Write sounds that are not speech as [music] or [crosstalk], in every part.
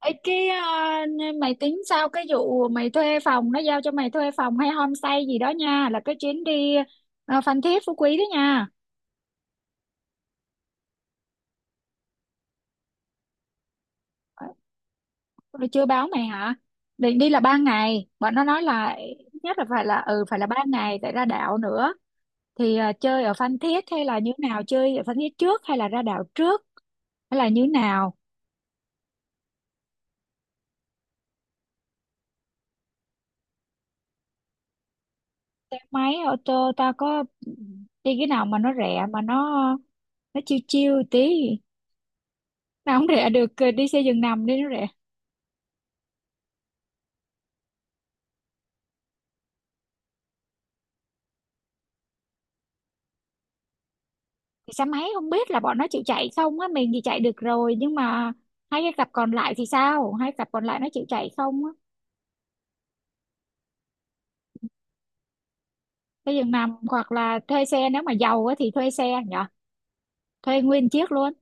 Ê, cái mày tính sao cái vụ mày thuê phòng nó giao cho mày thuê phòng hay homestay gì đó nha là cái chuyến đi Phan Thiết Phú Quý đó nha. Rồi chưa báo mày hả? Định đi là ba ngày. Bọn nó nói là ít nhất là phải là ba ngày tại ra đảo nữa. Thì chơi ở Phan Thiết hay là như nào? Chơi ở Phan Thiết trước hay là ra đảo trước hay là như nào? Xe máy ô tô ta có đi cái nào mà nó rẻ mà nó chiêu chiêu tí. Mà không rẻ được đi xe giường nằm đi nó rẻ. Thì xe máy không biết là bọn nó chịu chạy không á, mình thì chạy được rồi nhưng mà hai cái cặp còn lại thì sao, hai cặp còn lại nó chịu chạy không á. Xe giường nằm hoặc là thuê xe, nếu mà giàu á thì thuê xe nhở, thuê nguyên chiếc luôn.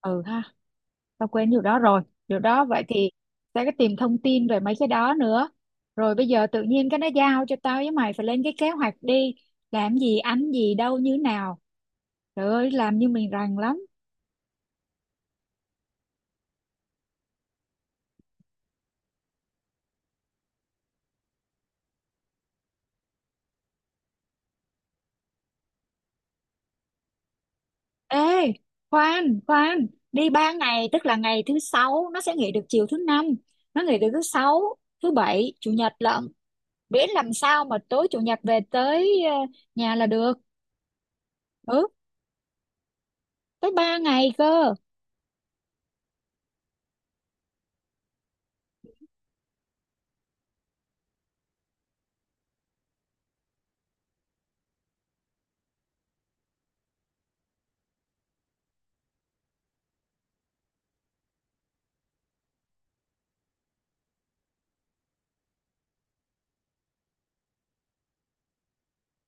Ừ ha, tao quên điều đó rồi. Điều đó vậy thì sẽ có tìm thông tin về mấy cái đó nữa. Rồi bây giờ tự nhiên cái nó giao cho tao với mày phải lên cái kế hoạch đi làm gì ăn gì đâu như nào, trời ơi làm như mình rành lắm. Ê, khoan, khoan, đi ba ngày, tức là ngày thứ sáu nó sẽ nghỉ được chiều thứ năm, nó nghỉ được thứ sáu, thứ bảy, chủ nhật lận. Biết làm sao mà tối chủ nhật về tới nhà là được. Ừ, tới ba ngày cơ.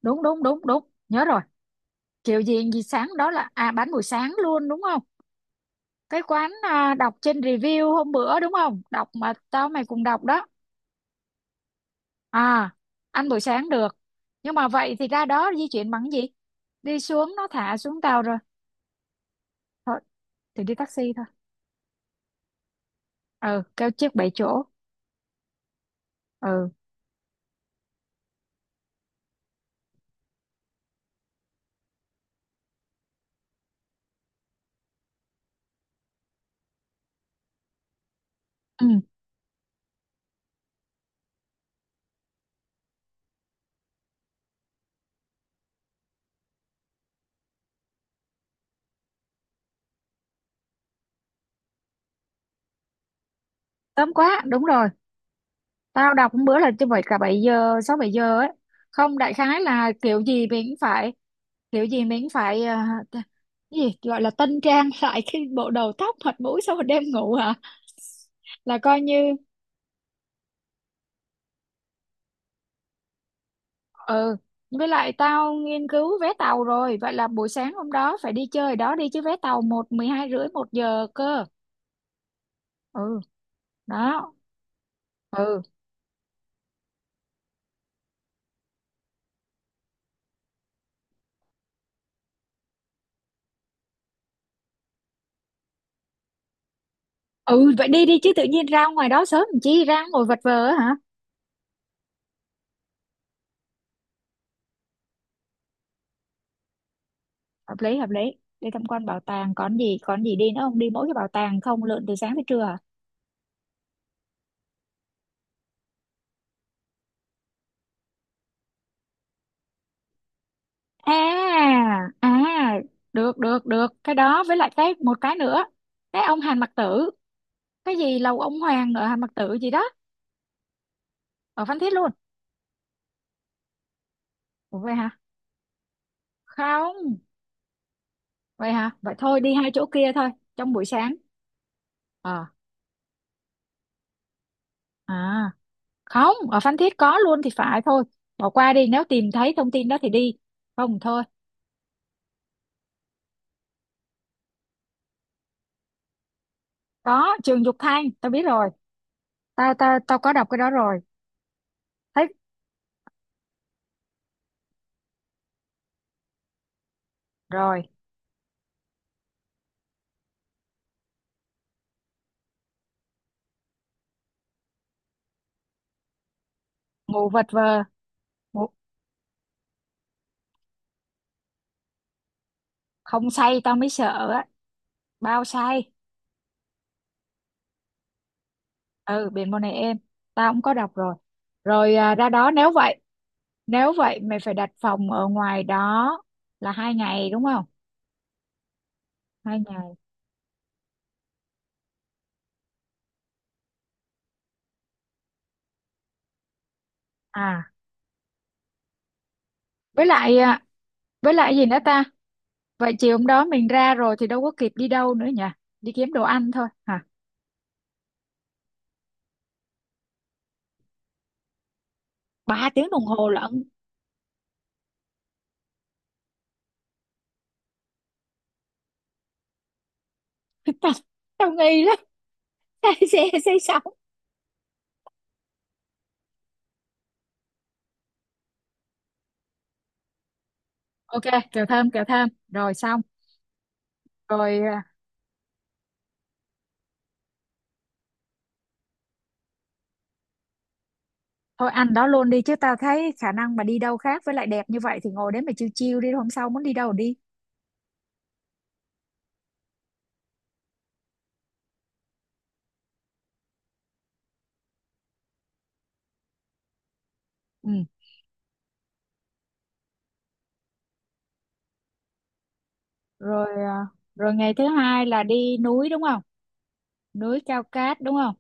Đúng, đúng, đúng, đúng. Nhớ rồi. Kiểu gì gì sáng đó là à bán buổi sáng luôn đúng không? Cái quán à, đọc trên review hôm bữa đúng không? Đọc mà tao mày cùng đọc đó. À, ăn buổi sáng được. Nhưng mà vậy thì ra đó di chuyển bằng cái gì? Đi xuống nó thả xuống tàu rồi. Thôi, thì đi taxi thôi, ừ kêu chiếc bảy chỗ. Ừ ừ, sớm quá đúng rồi. Tao đọc một bữa là chứ phải cả 7 giờ 6 7 giờ ấy, không đại khái là kiểu gì mình cũng phải, kiểu gì mình cũng phải cái gì gọi là tân trang [laughs] lại cái bộ đầu tóc mặt mũi sau một đêm ngủ hả, là coi như. Ừ, với lại tao nghiên cứu vé tàu rồi, vậy là buổi sáng hôm đó phải đi chơi đó đi chứ, vé tàu một mười hai rưỡi một giờ cơ. Ừ, đó. Ừ ừ, vậy đi đi chứ tự nhiên ra ngoài đó sớm làm chi ra ngồi vật vờ á hả. Hợp lý hợp lý, đi tham quan bảo tàng còn gì, còn gì đi nữa không, đi mỗi cái bảo tàng không lượn từ sáng tới trưa à? À à, được được được cái đó, với lại cái một cái nữa, cái ông Hàn Mặc Tử, cái gì lầu ông Hoàng ở Hàn Mặc Tử gì đó, ở Phan Thiết luôn. Ủa vậy hả, không, vậy hả, vậy thôi đi hai chỗ kia thôi, trong buổi sáng. ờ à, không, ở Phan Thiết có luôn thì phải thôi, bỏ qua đi nếu tìm thấy thông tin đó thì đi, không thôi. Có Trường Dục Thanh tao biết rồi, tao tao tao có đọc cái đó rồi. Thích. Rồi, ngủ vật vờ. Ngủ không say tao mới sợ á, bao say. Ừ, biển mùa này em, tao cũng có đọc rồi. Rồi ra đó nếu vậy, nếu vậy mày phải đặt phòng ở ngoài đó là hai ngày đúng không, hai ngày. À, với lại với lại gì nữa ta. Vậy chiều hôm đó mình ra rồi thì đâu có kịp đi đâu nữa nhỉ, đi kiếm đồ ăn thôi hả? Ba tiếng đồng hồ lận. [laughs] tao tao nghi lắm. [laughs] Say xe say sóng. Ok, kẹo thơm rồi xong. Rồi thôi ăn đó luôn đi chứ, tao thấy khả năng mà đi đâu khác, với lại đẹp như vậy thì ngồi đấy mà chiêu chiêu đi, hôm sau muốn đi đâu thì đi. Ừ. Rồi rồi ngày thứ hai là đi núi đúng không, núi cao cát đúng không?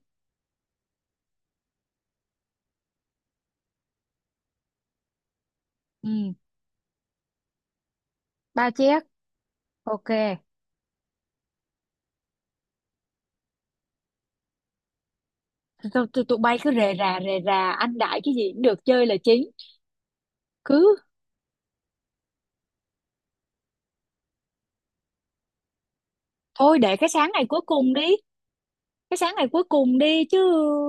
Ừ, ba chiếc, ok. Tụi bay cứ rề rà ăn đại cái gì cũng được, chơi là chính. Cứ thôi để cái sáng ngày cuối cùng đi, cái sáng ngày cuối cùng đi chứ,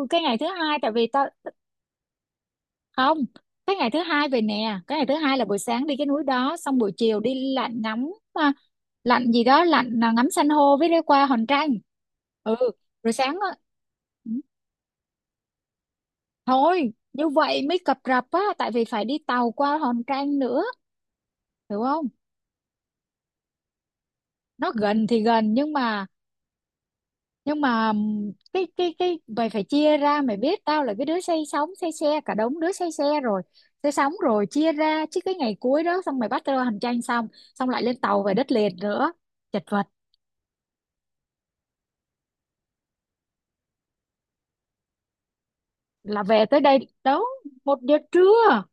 cái ngày thứ hai tại vì tao không, cái ngày thứ hai về nè, cái ngày thứ hai là buổi sáng đi cái núi đó, xong buổi chiều đi lặn ngắm lặn gì đó, lặn ngắm san hô với đi qua Hòn Tranh. Ừ. Rồi sáng á, ừ, thôi như vậy mới cập rập á tại vì phải đi tàu qua Hòn Tranh nữa, hiểu không. Nó gần thì gần nhưng mà, nhưng mà cái mày phải chia ra, mày biết tao là cái đứa say sóng say xe, cả đống đứa say xe rồi, say sóng rồi, chia ra chứ cái ngày cuối đó xong mày bắt tao hành trang xong, xong lại lên tàu về đất liền nữa, chật vật. Là về tới đây đó, một giờ trưa,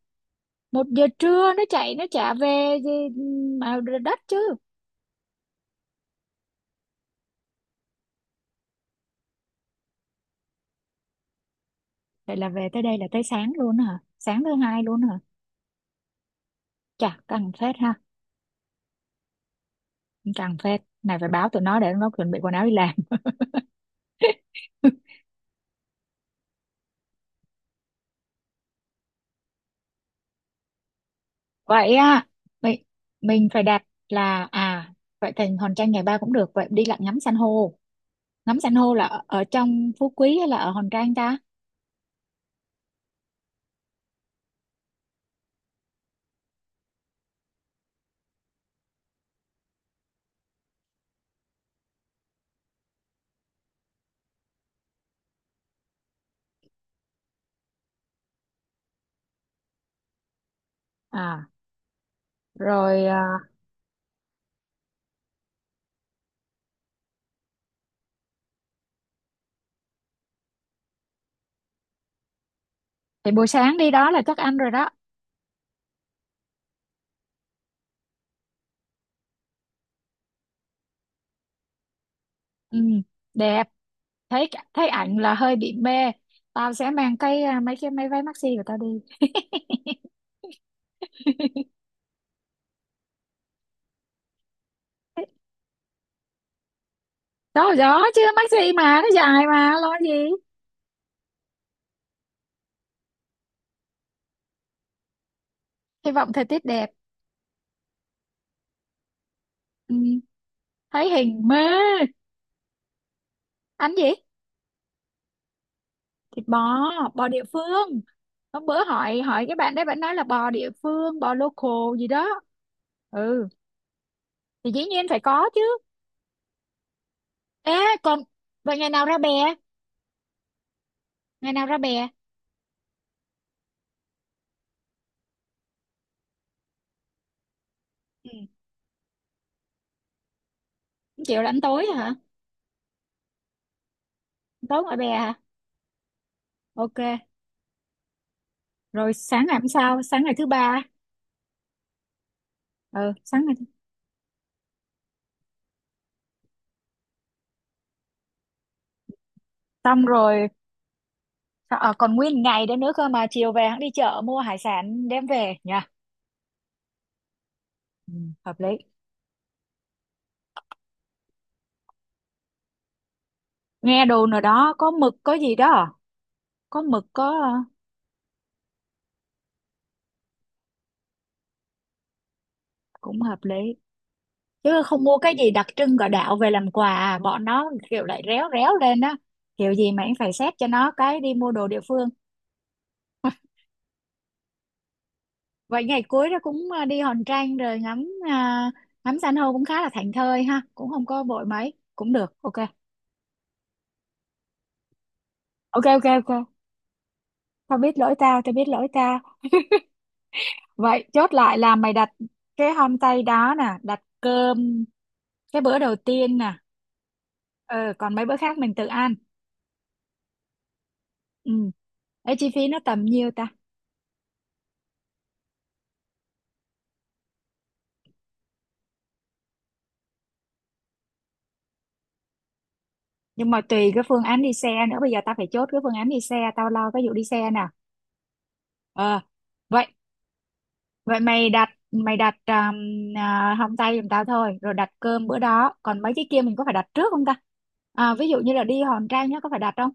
một giờ trưa nó chạy nó chả về gì mà đất chứ. Vậy là về tới đây là tới sáng luôn hả, sáng thứ hai luôn hả, chà căng phết ha. Căng phết này, phải báo tụi nó để nó chuẩn bị quần áo đi làm. [laughs] Vậy à, mình mình phải đặt, là à, vậy thì Hòn Tranh ngày ba cũng được, vậy đi lặn ngắm san hô. Ngắm san hô là ở, ở trong Phú Quý hay là ở Hòn Tranh ta? À, rồi thì buổi sáng đi đó là chắc ăn rồi đó. Ừ, đẹp. Thấy thấy ảnh là hơi bị mê, tao sẽ mang cái mấy cái mấy váy maxi của tao đi. [laughs] Đó gió chứ maxi mà nó dài mà lo gì. Hy vọng thời tiết đẹp. Ừ, thấy hình mê. Anh gì, thịt bò, bò địa phương. Hôm bữa hỏi, hỏi cái bạn đấy, bạn nói là bò địa phương bò local gì đó. Ừ, thì dĩ nhiên phải có chứ. Ê còn, vậy ngày nào ra bè, ngày nào ra bè? Ừ. Không là ăn tối hả? Ăn tối ngoài bè hả? Ok. Rồi sáng ngày hôm sau, sáng ngày thứ ba. Ừ sáng ngày thứ... xong rồi còn nguyên ngày đấy nữa cơ mà, chiều về hắn đi chợ mua hải sản đem về nha. Ừ, hợp lý. Nghe đồn nào đó có mực có gì đó à? Có mực có cũng hợp lý chứ không mua cái gì đặc trưng của đạo về làm quà à, bọn nó kiểu lại réo réo lên á, kiểu gì mà anh phải xét cho nó cái đi mua đồ địa phương. Vậy ngày cuối đó cũng đi Hòn Trang rồi ngắm ngắm san hô cũng khá là thảnh thơi ha, cũng không có vội mấy cũng được, ok. Ok ok ok, tao biết lỗi tao tao biết lỗi tao. Vậy chốt lại là mày đặt cái homestay đó nè, đặt cơm cái bữa đầu tiên nè, ờ còn mấy bữa khác mình tự ăn. Ừ. Ê, chi phí nó tầm nhiêu ta? Nhưng mà tùy cái phương án đi xe nữa, bây giờ tao phải chốt cái phương án đi xe, tao lo cái vụ đi xe nè. Ờ vậy, vậy mày đặt hông tây giùm tao thôi, rồi đặt cơm bữa đó, còn mấy cái kia mình có phải đặt trước không ta, ví dụ như là đi Hòn Tre nhá có phải đặt không?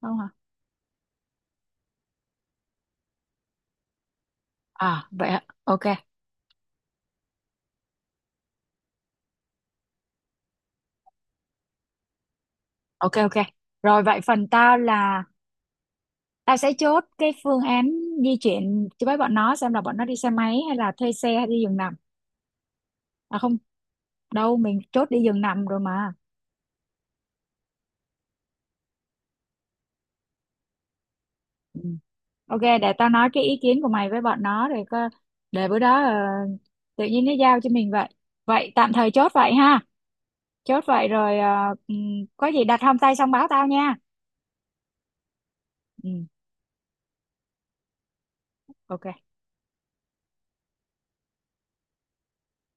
Không hả, à vậy ạ. Ok ok ok. Rồi vậy phần tao là tao sẽ chốt cái phương án di chuyển cho, với bọn nó xem là bọn nó đi xe máy hay là thuê xe hay đi giường nằm. À không, đâu mình chốt đi giường nằm rồi mà. Ừ. Ok, để tao nói cái ý kiến của mày với bọn nó rồi có, để bữa đó tự nhiên nó giao cho mình vậy. Vậy tạm thời chốt vậy ha. Chốt vậy rồi có gì đặt hôm tay xong báo tao nha. Ừ, ok.